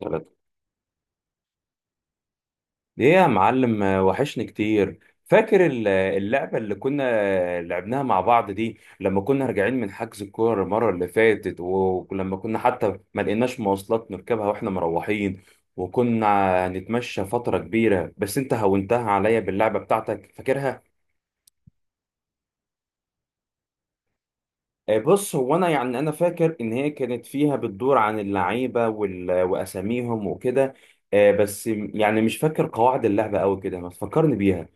ثلاثة. ليه يا معلم، وحشني كتير. فاكر اللعبة اللي كنا لعبناها مع بعض دي لما كنا راجعين من حجز الكورة المرة اللي فاتت، ولما كنا حتى ما لقيناش مواصلات نركبها واحنا مروحين، وكنا نتمشى فترة كبيرة بس انت هونتها عليا باللعبة بتاعتك. فاكرها؟ بص هو انا يعني انا فاكر ان هي كانت فيها بتدور عن اللعيبة واساميهم وكده. بس يعني مش فاكر قواعد اللعبة قوي كده، ما تفكرني بيها.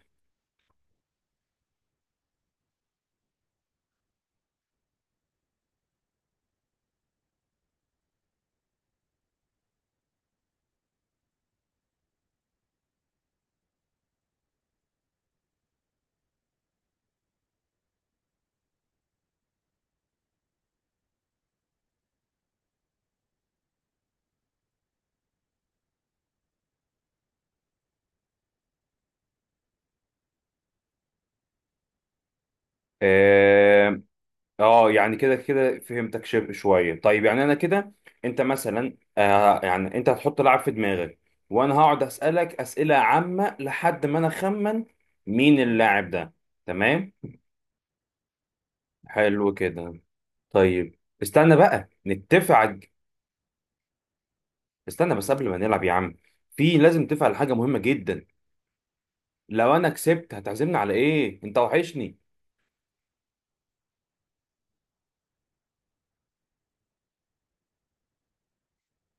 آه، اه يعني كده كده فهمتك شبه شويه. طيب يعني انا كده، انت مثلا يعني انت هتحط لاعب في دماغك وانا هقعد اسالك اسئله عامه لحد ما انا اخمن مين اللاعب ده. تمام. حلو كده. طيب. استنى بقى نتفق على- استنى بس قبل ما نلعب يا عم، في لازم نتفق على حاجه مهمه جدا. لو انا كسبت هتعزمني على ايه؟ انت وحشني.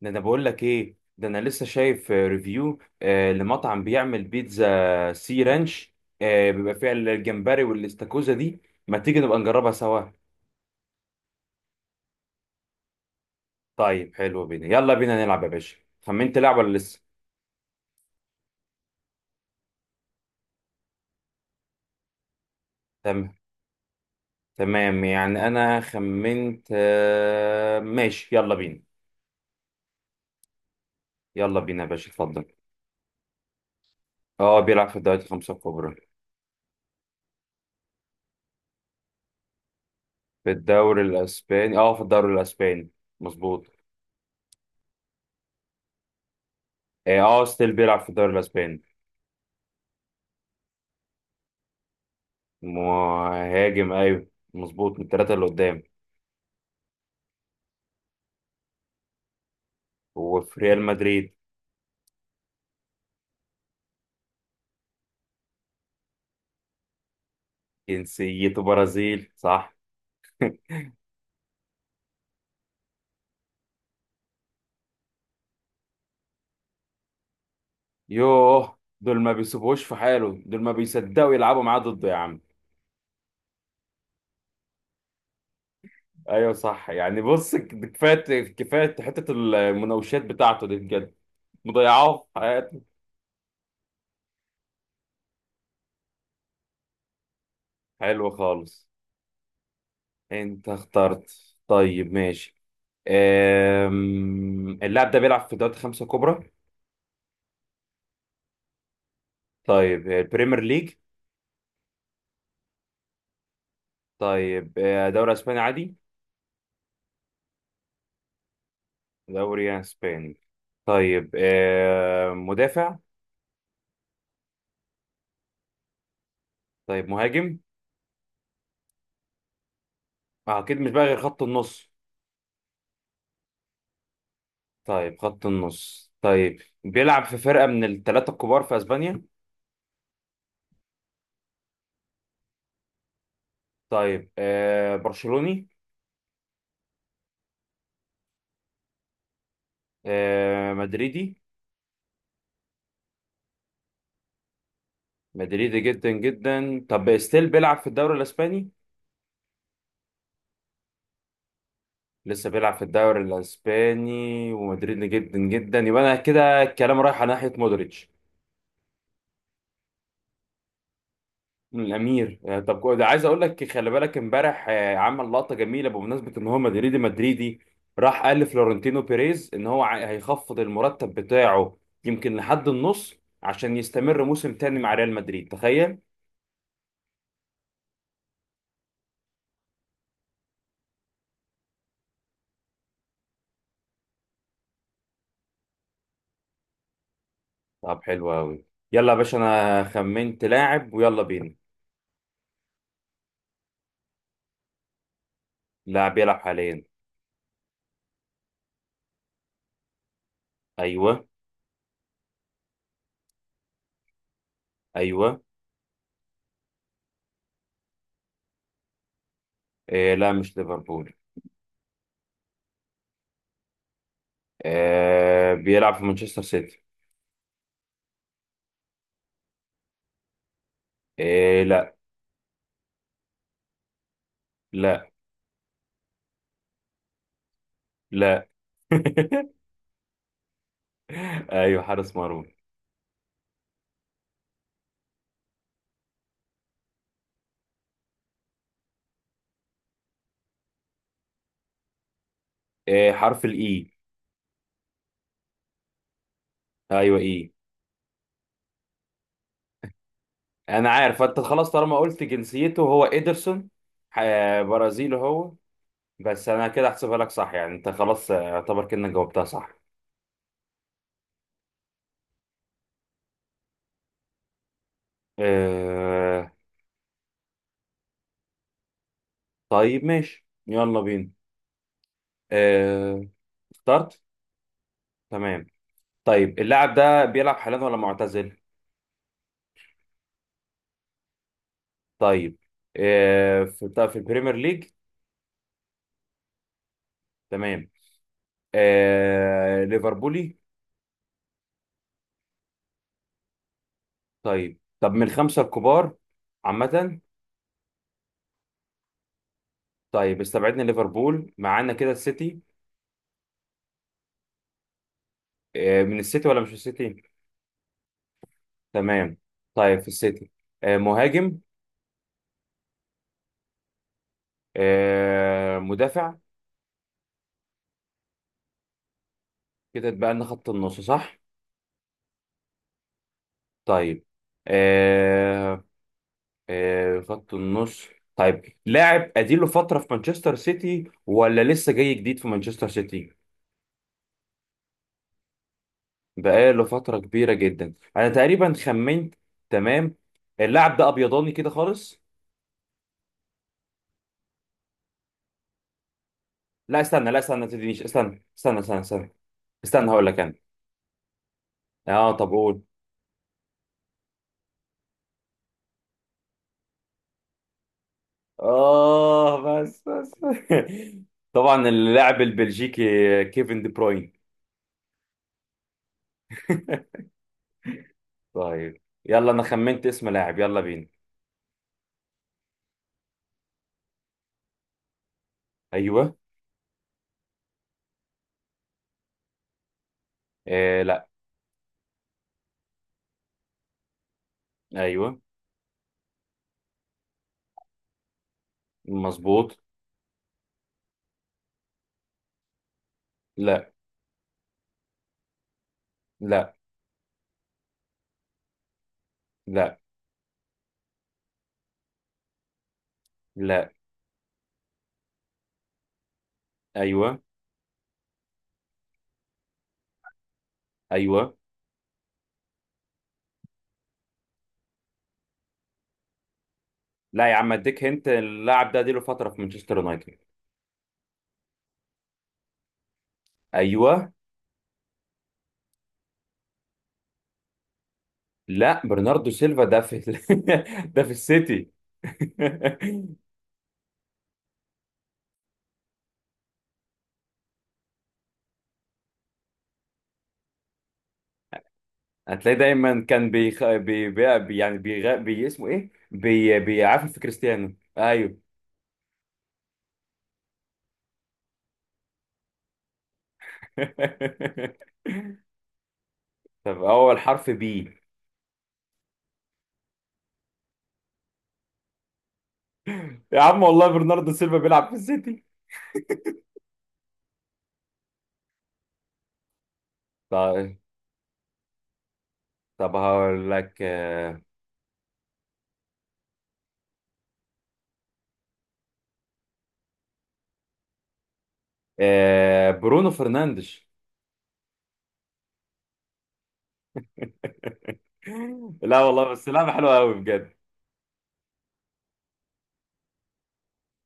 ده انا بقول لك ايه، ده انا لسه شايف ريفيو لمطعم بيعمل بيتزا سي رانش. بيبقى فيها الجمبري والاستاكوزا دي. ما تيجي نبقى نجربها سوا؟ طيب حلو. بينا يلا بينا نلعب يا باشا. خمنت لعب ولا لسه؟ تمام. تمام يعني انا خمنت. ماشي يلا بينا. يلا بينا يا باشا اتفضل. اه بيلعب في الدوري الخمسة الكبرى. في الدوري الاسباني، اه في الدوري الاسباني، مظبوط. اه ستيل بيلعب في الدوري الاسباني. مهاجم، ايوه. مظبوط من الثلاثه اللي قدام. هو في ريال مدريد. جنسيته برازيل، صح. يوه، دول ما بيسيبوش في حاله، دول ما بيصدقوا يلعبوا معاه ضده يا عم. ايوه صح، يعني بص كفايه كفايه حته المناوشات بتاعته دي بجد. مضيعاه في حياته. حلو خالص. انت اخترت؟ طيب، ماشي. اللاعب ده بيلعب في دوري خمسة كبرى؟ طيب، البريمير ليج؟ طيب، دوري اسباني عادي؟ دوري يعني اسباني. طيب، مدافع؟ طيب، مهاجم؟ اكيد مش بقى غير خط النص. طيب خط النص. طيب بيلعب في فرقة من الثلاثة الكبار في اسبانيا؟ طيب، برشلوني؟ مدريدي؟ مدريدي جدا جدا. طب ستيل بيلعب في الدوري الاسباني؟ لسه بيلعب في الدوري الاسباني ومدريدي جدا جدا، يبقى انا كده الكلام رايح على ناحية مودريتش. الامير. طب ده عايز اقول لك، خلي بالك امبارح عمل لقطه جميله بمناسبه ان هو مدريدي مدريدي، راح قال لفلورنتينو بيريز ان هو هيخفض المرتب بتاعه يمكن لحد النص عشان يستمر موسم تاني مع ريال مدريد، تخيل. طب حلو قوي. يلا يا باشا انا خمنت لاعب ويلا بينا. لاعب بيلعب حاليا. ايوه. ايوه. إيه لا، مش ليفربول. إيه، بيلعب في مانشستر سيتي. إيه، لا. لا. لا. ايوه، حارس مرمى. إيه، حرف الاي. ايوه، ايه. انا عارف انت، خلاص طالما قلت جنسيته، هو ايدرسون. ح- برازيلي هو، بس انا كده احسبها لك صح، يعني انت خلاص اعتبر كأنك جاوبتها صح. أه... طيب ماشي يلا بينا. أه... اخترت. تمام. طيب اللاعب ده بيلعب حاليا ولا معتزل؟ طيب، في، طب في البريمير ليج؟ تمام. ليفربولي؟ طيب، طب من الخمسة الكبار عامة؟ طيب استبعدنا ليفربول، معانا كده السيتي. من السيتي ولا مش في السيتي؟ تمام. طيب في السيتي. مهاجم؟ مدافع؟ كده اتبقى لنا خط النص، صح؟ طيب. آه، خط النص. طيب لاعب اديله فترة في مانشستر سيتي ولا لسه جاي جديد في مانشستر سيتي؟ بقاله فترة كبيرة جدا، انا تقريبا خمنت. تمام. اللاعب ده ابيضاني كده خالص. لا استنى، لا استنى، ما تدينيش، استنى استنى استنى استنى. استنى هقول لك انا. اه، طب قول. بس بس. طبعا اللاعب البلجيكي كيفن دي بروين. طيب يلا أنا خمنت اسم لاعب، يلا بينا. أيوه. آه لا. أيوه، مظبوط. لا. لا. لا. لا. أيوه. أيوه. لا يا عم، أديك هنت، اللاعب ده اديله فترة في مانشستر يونايتد. أيوه. لا، برناردو سيلفا ده في ده في السيتي. هتلاقيه دايما كان بيخ... بي... بي... بي... يعني اسمه ايه، بيعافر في كريستيانو، ايوه. طب اول حرف بي. يا عم والله برناردو سيلفا بيلعب في السيتي. طب، طب هقول لك برونو فرنانديش. لا والله، بس لعبة حلوة قوي بجد.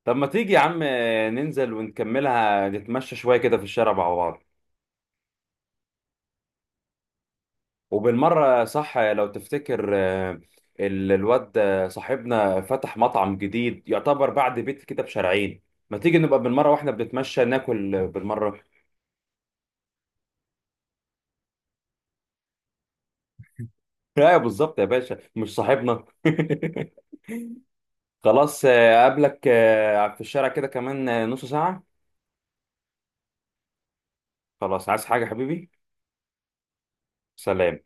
طب ما تيجي يا عم ننزل ونكملها، نتمشى شوية كده في الشارع مع بعض. وبالمرة، صح، لو تفتكر الواد صاحبنا فتح مطعم جديد، يعتبر بعد بيت كده بشارعين. ما تيجي نبقى بالمرة واحنا بنتمشى ناكل بالمرة. ايوه، بالظبط يا باشا، مش صاحبنا؟ خلاص. اقابلك في الشارع كده كمان نص ساعة. خلاص، عايز حاجة حبيبي؟ سلام.